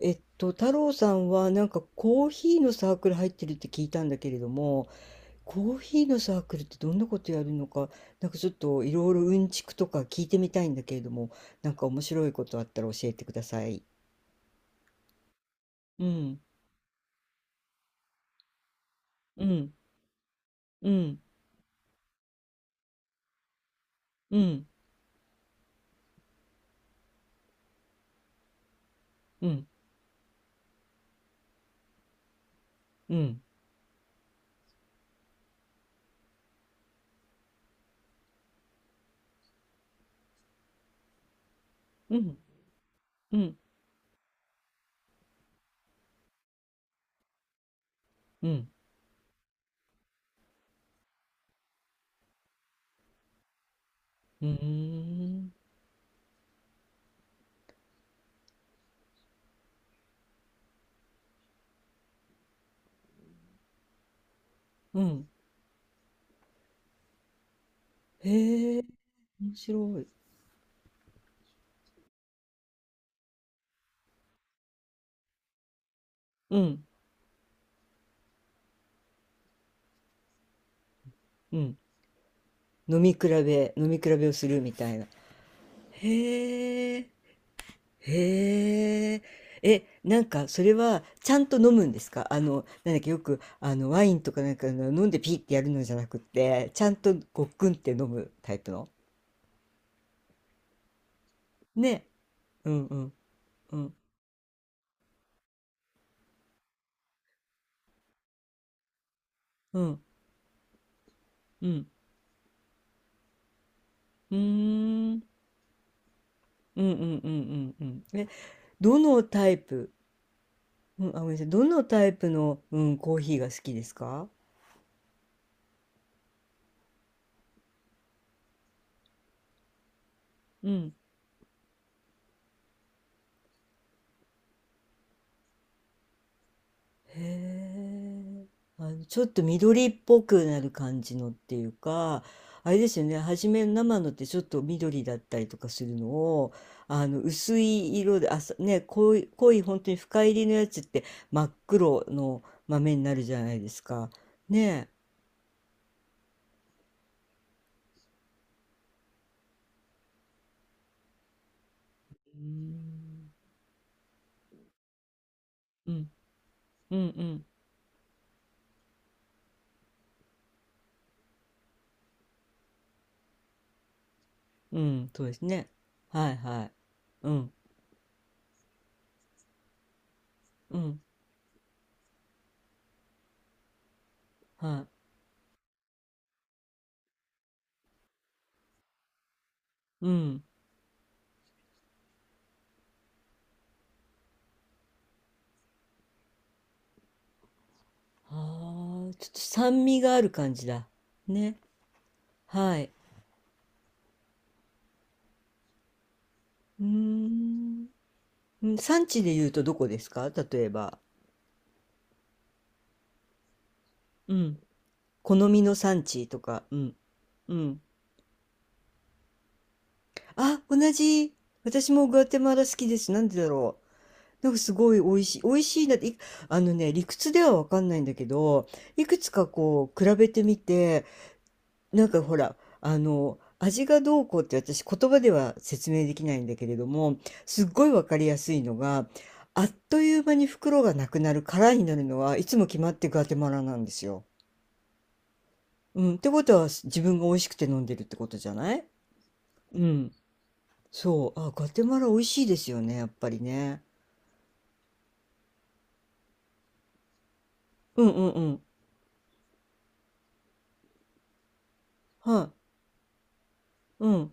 太郎さんはなんかコーヒーのサークル入ってるって聞いたんだけれども、コーヒーのサークルってどんなことやるのか、なんかちょっといろいろうんちくとか聞いてみたいんだけれども、なんか面白いことあったら教えてください。うん、うん、うん、うん、うん、うん、うん、うん、うん、うーん、うん。へえ、面白い。うん、うん。飲み比べ、飲み比べをするみたいな。へえ。へえ。え、なんかそれはちゃんと飲むんですか？なんだっけ、よくワインとかなんかの飲んでピーってやるのじゃなくって、ちゃんとごっくんって飲むタイプの？ね。うんうんうんうんうん。うーん。うんうんうんうんうん。え、どのタイプ、うん、あ、ごめんなさい。どのタイプの、うん、コーヒーが好きですか？うん。へえ、ちょっと緑っぽくなる感じのっていうか、あれですよね、初めの生のってちょっと緑だったりとかするのを、薄い色で、あ、さね、濃い、濃い本当に深入りのやつって真っ黒の豆になるじゃないですか。ねえ。うーん、うん、うん、うん、うん、そうですね。はいはい。うん、うん、はい。うん。ああ、ちょっと酸味がある感じだ。ね。はい。うーん。うん。産地で言うとどこですか、例えば？うん。好みの産地とか。うん。うん。あ、同じ。私もグアテマラ好きです。なんでだろう。なんかすごい美味しい。美味しいなって、あのね、理屈ではわかんないんだけど、いくつかこう、比べてみて、なんかほら、味がどうこうって私言葉では説明できないんだけれども、すっごいわかりやすいのが、あっという間に袋がなくなる空になるのはいつも決まってガテマラなんですよ。うん。ってことは自分が美味しくて飲んでるってことじゃない？うん。そう。あ、ガテマラ美味しいですよね、やっぱりね。うんうんうん。はい。うん。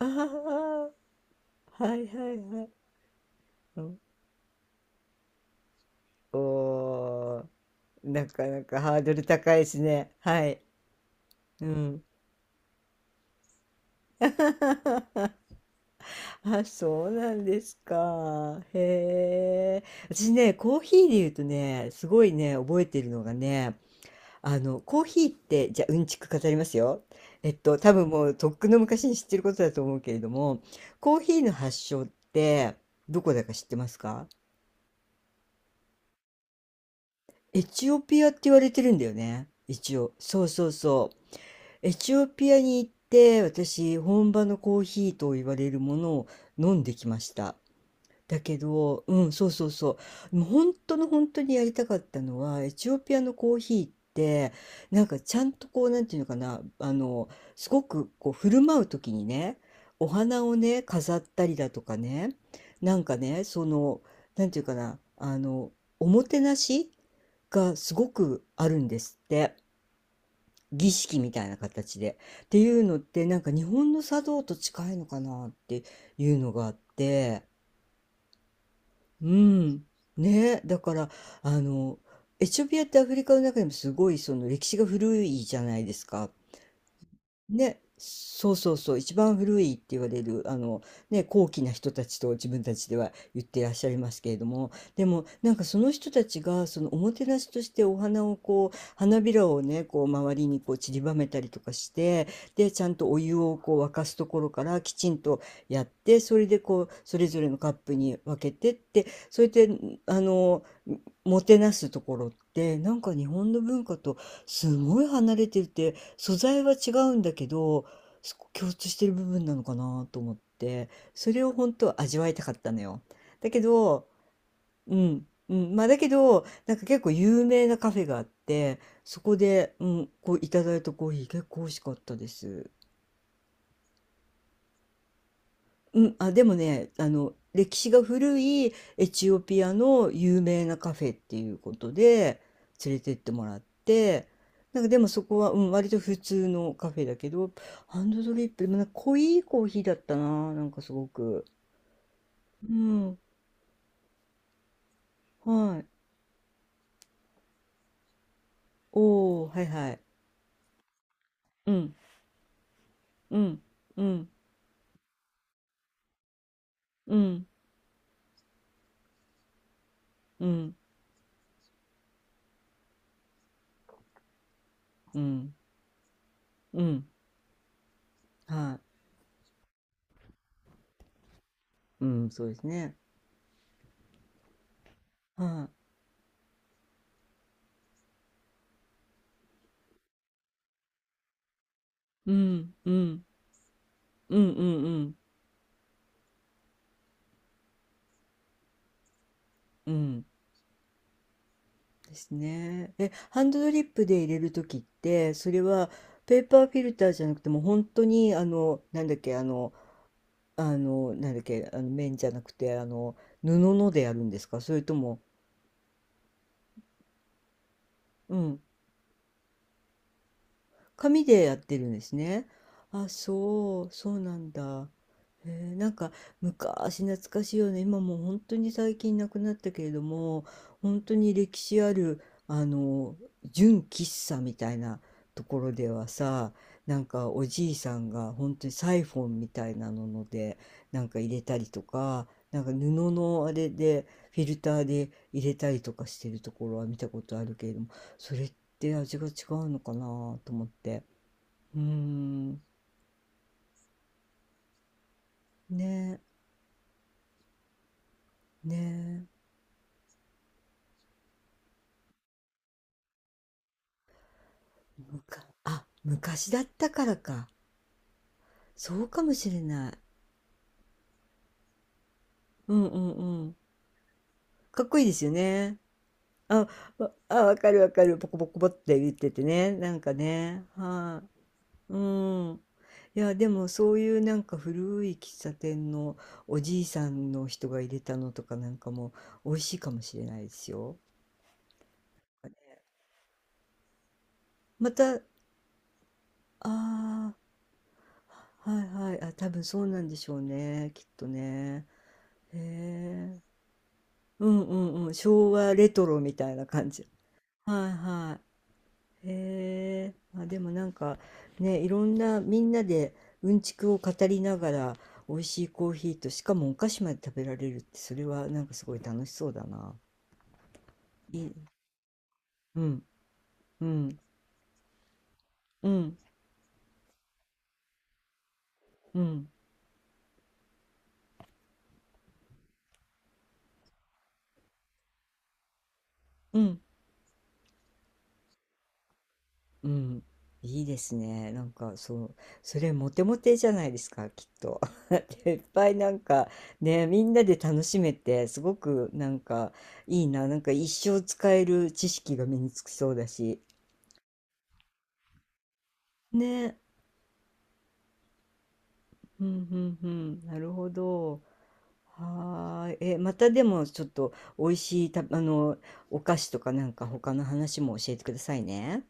ああ、はいはいはい。うん、おー、なかなかハードル高いですね。はい。うん。あ、そうなんですか。へえ。私ね、コーヒーで言うとね、すごいね、覚えてるのがね、コーヒーって、じゃあ、うんちく語りますよ。多分もう、とっくの昔に知ってることだと思うけれども、コーヒーの発祥って、どこだか知ってますか？エチオピアって言われてるんだよね。一応。そうそうそう。エチオピアに行って、私、本場のコーヒーと言われるものを飲んできました。だけど、うん、そうそうそう。もう本当の本当にやりたかったのは、エチオピアのコーヒーって、なんかちゃんとこう、なんていうのかな、すごくこう、振る舞う時にね、お花をね、飾ったりだとかね、なんかね、その、なんていうかな、おもてなしがすごくあるんですって。儀式みたいな形で。っていうのって、なんか日本の茶道と近いのかなっていうのがあって、うん。ね、だから、あの、エチオピアってアフリカの中でもすごいその歴史が古いじゃないですか。ね、そうそうそう、一番古いって言われる、ね、高貴な人たちと自分たちでは言ってらっしゃいますけれども、でも、なんかその人たちが、そのおもてなしとしてお花をこう、花びらをね、こう、周りにこう散りばめたりとかして、で、ちゃんとお湯をこう沸かすところからきちんとやって、それでこう、それぞれのカップに分けてって、それで、あの、もてなすところって、なんか日本の文化とすごい離れてるって、素材は違うんだけど、共通してる部分なのかなと思って、それを本当は味わいたかったのよ。だけど、うん、うん、まあだけど、なんか結構有名なカフェがあって、そこで、うん、こういただいたコーヒー結構美味しかったです。うん。あ、でもね、歴史が古いエチオピアの有名なカフェっていうことで連れてってもらって、なんかでもそこは、うん、割と普通のカフェだけど、ハンドドリップ、でもなんか濃いコーヒーだったな、なんかすごく。うん、はい。おー、はいはい。うん、うん、うん、うん、うん、うん、うん、はい。うん、そうですね。はい。うん、うん、うん、うん、うん、うん。ですね。え、ハンドドリップで入れるときって、それはペーパーフィルターじゃなくてもう本当になんだっけ、なんだっけ、綿じゃなくて、布のでやるんですか、それとも？うん、紙でやってるんですね。あ、そう、そうなんだ。へえ、なんか昔懐かしいよね。今もう本当に最近なくなったけれども、本当に歴史ある、あの、純喫茶みたいなところではさ、なんかおじいさんが本当にサイフォンみたいなので、なんか入れたりとか、なんか布のあれでフィルターで入れたりとかしてるところは見たことあるけれども、それっって味が違うのかなと思って。うーん。ねえ、ねえ。むか、あ、昔だったからか。そうかもしれない。うんうんうん。かっこいいですよね。あ、わあ、わかるわかる。ポコポコポって言っててね。なんかね。はい。うん。いや、でもそういうなんか古い喫茶店のおじいさんの人が入れたのとかなんかも美味しいかもしれないですよ。また、ああ、はいはい。あ、多分そうなんでしょうね。きっとね。へえ。うんうんうん。昭和レトロみたいな感じ。はいはい。へえ。まあ、でもなんかね、いろんなみんなでうんちくを語りながら美味しいコーヒーとしかもお菓子まで食べられるってそれはなんかすごい楽しそうだな。いい。うんうんうんうんうん。うん。いいですね。なんか、そう、それモテモテじゃないですか、きっと。でいっぱいなんか、ね、みんなで楽しめて、すごくなんか、いいな。なんか一生使える知識が身につきそうだし。ね。うんうんうん。なるほど。はーい。え、またでもちょっと美味しいた、あの、お菓子とかなんか他の話も教えてくださいね。